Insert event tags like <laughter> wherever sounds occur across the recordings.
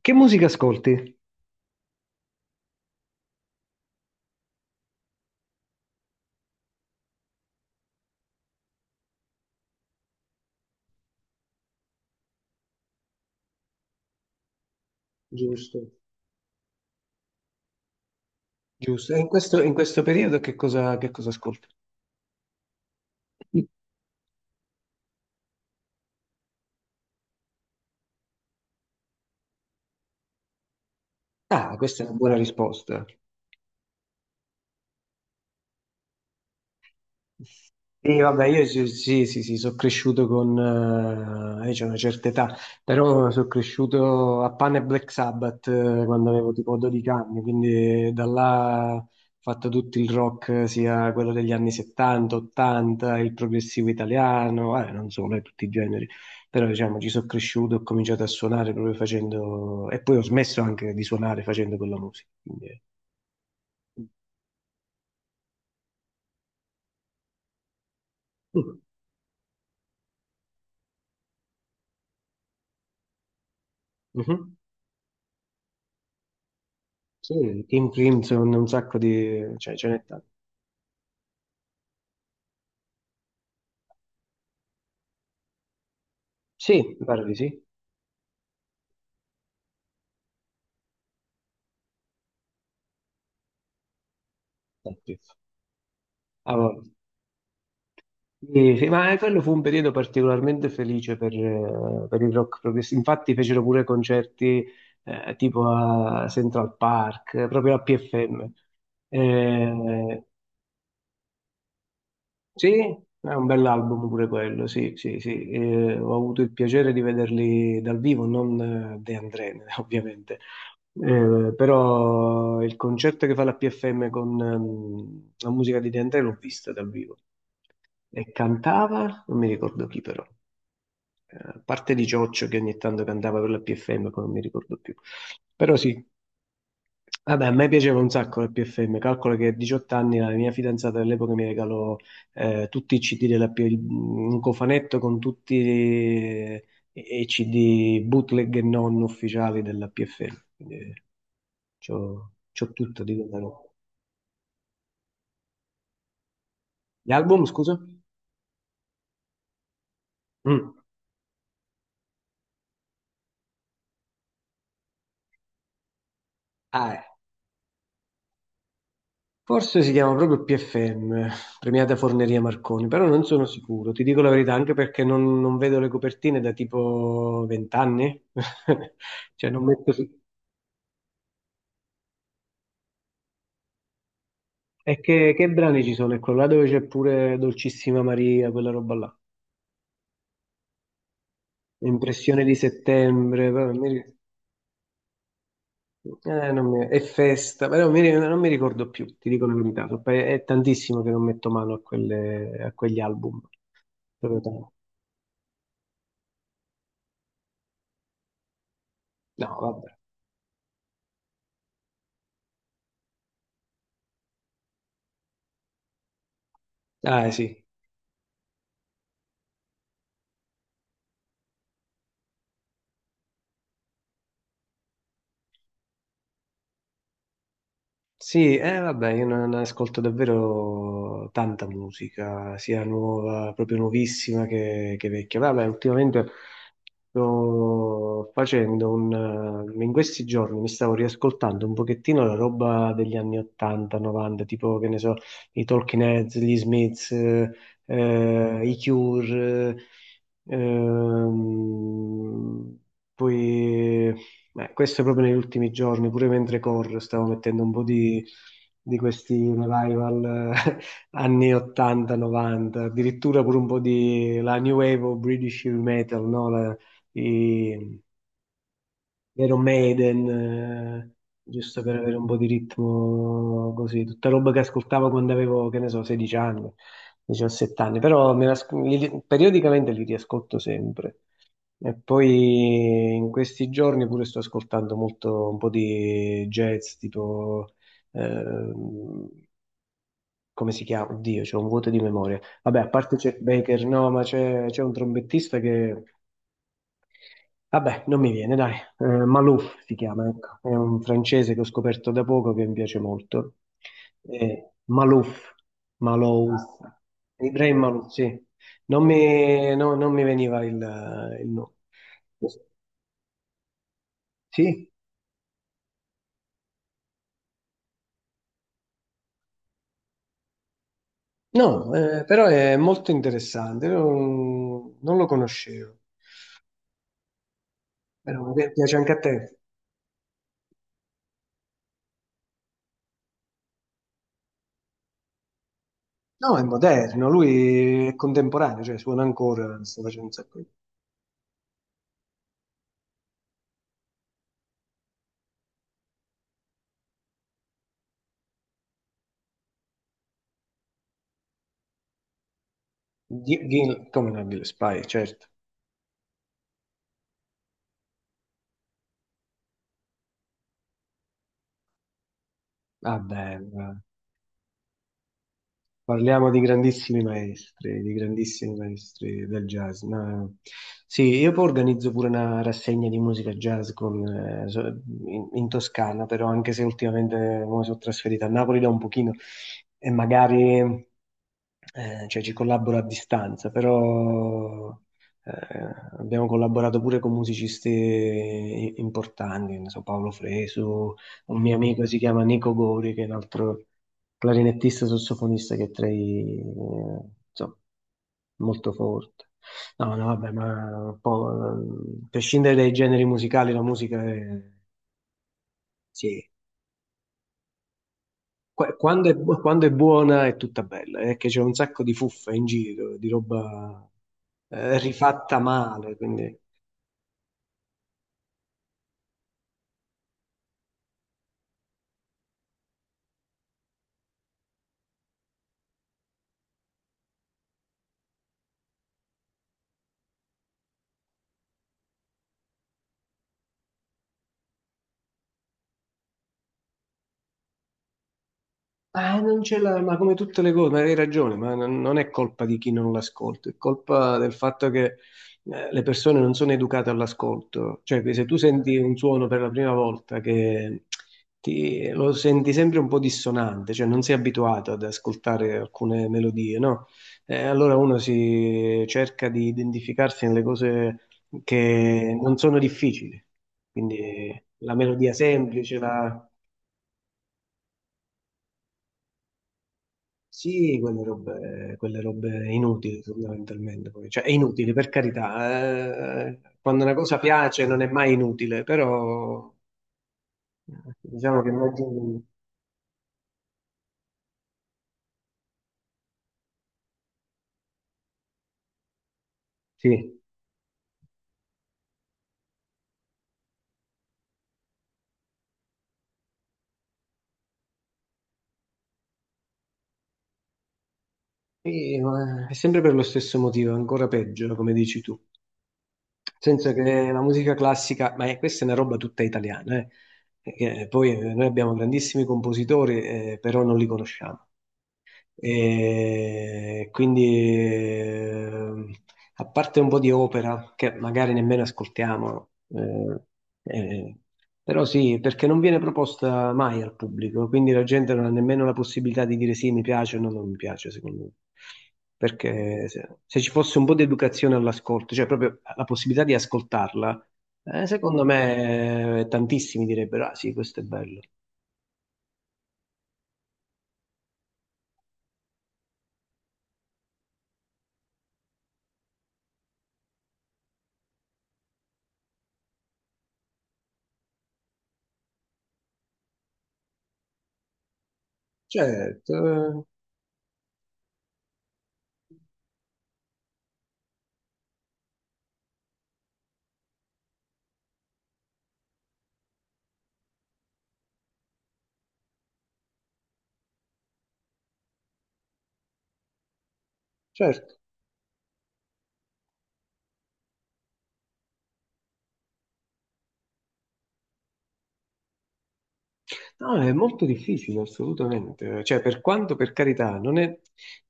Che musica ascolti? Giusto, giusto. E in questo periodo che cosa ascolti? Ah, questa è una buona risposta. Sì, vabbè, io sì, sì, sì, sì, sono cresciuto con... C'è una certa età, però sono cresciuto a Pan e Black Sabbath quando avevo tipo 12 anni, quindi da là ho fatto tutto il rock, sia quello degli anni 70, 80, il progressivo italiano, non solo, tutti i generi, però diciamo ci sono cresciuto, ho cominciato a suonare proprio facendo... e poi ho smesso anche di suonare facendo quella musica, quindi... Mhm. Sì, Kim Crimson, un sacco di... cioè ce n'è tanto. Sì, mi pare di sì. Oddio. Ah, vabbè. Sì, sì, ma quello fu un periodo particolarmente felice per il rock progressivo. Infatti fecero pure concerti tipo a Central Park, proprio a PFM. Eh, Sì, è un bell'album pure quello, sì, sì, sì. Ho avuto il piacere di vederli dal vivo, non De André, <laughs> ovviamente. Però il concerto che fa la PFM con la musica di De André l'ho vista dal vivo. E cantava, non mi ricordo chi però, a parte di Cioccio che ogni tanto cantava per la PFM, poi non mi ricordo più. Però sì, vabbè, a me piaceva un sacco la PFM, calcolo che a 18 anni la mia fidanzata dell'epoca mi regalò tutti i CD un cofanetto con tutti i CD bootleg e non ufficiali della PFM, quindi c'ho tutto di quella roba. Gli album, scusa? Mm. Ah. Forse si chiama proprio PFM, Premiata Forneria Marconi, però non sono sicuro, ti dico la verità, anche perché non vedo le copertine da tipo 20 anni, <laughs> cioè non metto... E che brani ci sono? Ecco, là dove c'è pure Dolcissima Maria, quella roba là. Impressione di settembre, però non mi ri- non mi- è festa, però non mi ricordo più, ti dico la verità. È tantissimo che non metto mano a quegli album. Proprio tanto. No, vabbè. Ah, sì. Sì, vabbè, io non ascolto davvero tanta musica, sia nuova, proprio nuovissima che vecchia. Vabbè, ultimamente sto facendo un... in questi giorni mi stavo riascoltando un pochettino la roba degli anni 80, 90, tipo che ne so, i Talking Heads, gli Smiths, i Cure, eh, ehm, poi questo proprio negli ultimi giorni, pure mentre corro stavo mettendo un po' di questi revival <laughs> anni 80-90, addirittura pure un po' di la New Wave o British Heavy Metal, no? I Iron Maiden, giusto per avere un po' di ritmo così, tutta roba che ascoltavo quando avevo, che ne so, 16 anni, 17 anni, però me la periodicamente li riascolto sempre. E poi in questi giorni pure sto ascoltando molto un po' di jazz, tipo, ehm, come si chiama? Oddio, c'è un vuoto di memoria. Vabbè, a parte Chet Baker, no, ma c'è un trombettista che vabbè, non mi viene, dai. Malouf si chiama, ecco. È un francese che ho scoperto da poco che mi piace molto. Malouf, Malouf, Ibrahim Malouf, sì. Non mi veniva il nome. Sì? No, però è molto interessante. Non lo conoscevo. Però piace anche a te. No, è moderno, lui è contemporaneo, cioè suona ancora, sta facendo un sacco di... Come no, Gillespie, certo. Vabbè, parliamo di grandissimi maestri del jazz. Sì, io poi organizzo pure una rassegna di musica jazz con, in Toscana, però anche se ultimamente mi sono trasferita a Napoli da un pochino e magari cioè, ci collaboro a distanza, però eh, abbiamo collaborato pure con musicisti importanti, ne so, Paolo Fresu un mio amico si chiama Nico Gori, che è un altro clarinettista sassofonista che è tra i, insomma, molto forte. No, no, vabbè, ma un po', a prescindere dai generi musicali, la musica è, sì. Quando è, quando è buona è tutta bella, è che c'è un sacco di fuffa in giro, di roba rifatta male, quindi... Ah, non c'è la... Ma come tutte le cose, ma hai ragione, ma non è colpa di chi non l'ascolta, è colpa del fatto che le persone non sono educate all'ascolto. Cioè, che se tu senti un suono per la prima volta che lo senti sempre un po' dissonante, cioè non sei abituato ad ascoltare alcune melodie, no? Allora uno si cerca di identificarsi nelle cose che non sono difficili, quindi la melodia semplice, la... Sì, quelle robe inutili fondamentalmente. Poi. Cioè, è inutile per carità, quando una cosa piace non è mai inutile, però eh, diciamo che sì. Sì, ma è sempre per lo stesso motivo, ancora peggio, come dici tu. Nel senso che la musica classica, questa è una roba tutta italiana, che poi noi abbiamo grandissimi compositori, però non li conosciamo. E quindi, a parte un po' di opera che magari nemmeno ascoltiamo, eh, però sì, perché non viene proposta mai al pubblico, quindi la gente non ha nemmeno la possibilità di dire sì, mi piace o no, non mi piace, secondo me. Perché se ci fosse un po' di educazione all'ascolto, cioè proprio la possibilità di ascoltarla, secondo me tantissimi direbbero, ah sì, questo è bello. Certo, certo. No, è molto difficile, assolutamente. Cioè, per quanto, per carità, non è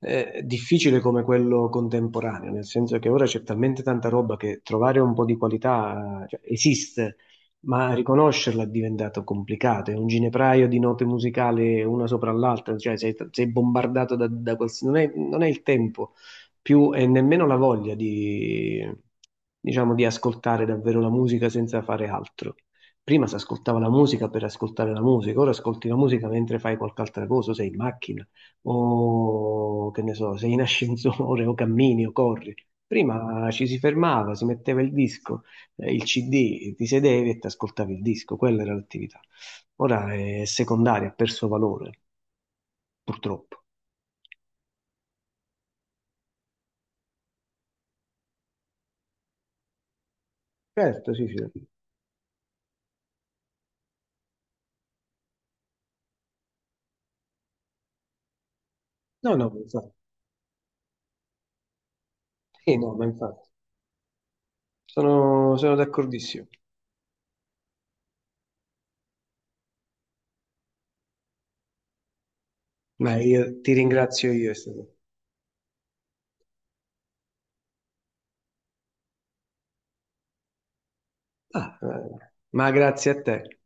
difficile come quello contemporaneo, nel senso che ora c'è talmente tanta roba che trovare un po' di qualità, cioè, esiste, ma riconoscerla è diventato complicato. È un ginepraio di note musicali una sopra l'altra, cioè sei bombardato non è il tempo più e nemmeno la voglia di, diciamo, di ascoltare davvero la musica senza fare altro. Prima si ascoltava la musica per ascoltare la musica, ora ascolti la musica mentre fai qualche altra cosa, o sei in macchina, o che ne so, sei in ascensore, <laughs> o cammini, o corri. Prima ci si fermava, si metteva il disco, il CD, ti sedevi e ti ascoltavi il disco, quella era l'attività. Ora è secondaria, ha perso valore, purtroppo. Certo, sì, sì. No, no, ma infatti. Sì, no, ma infatti. Sono d'accordissimo. Ma io ti ringrazio io. Ah, ma grazie a te.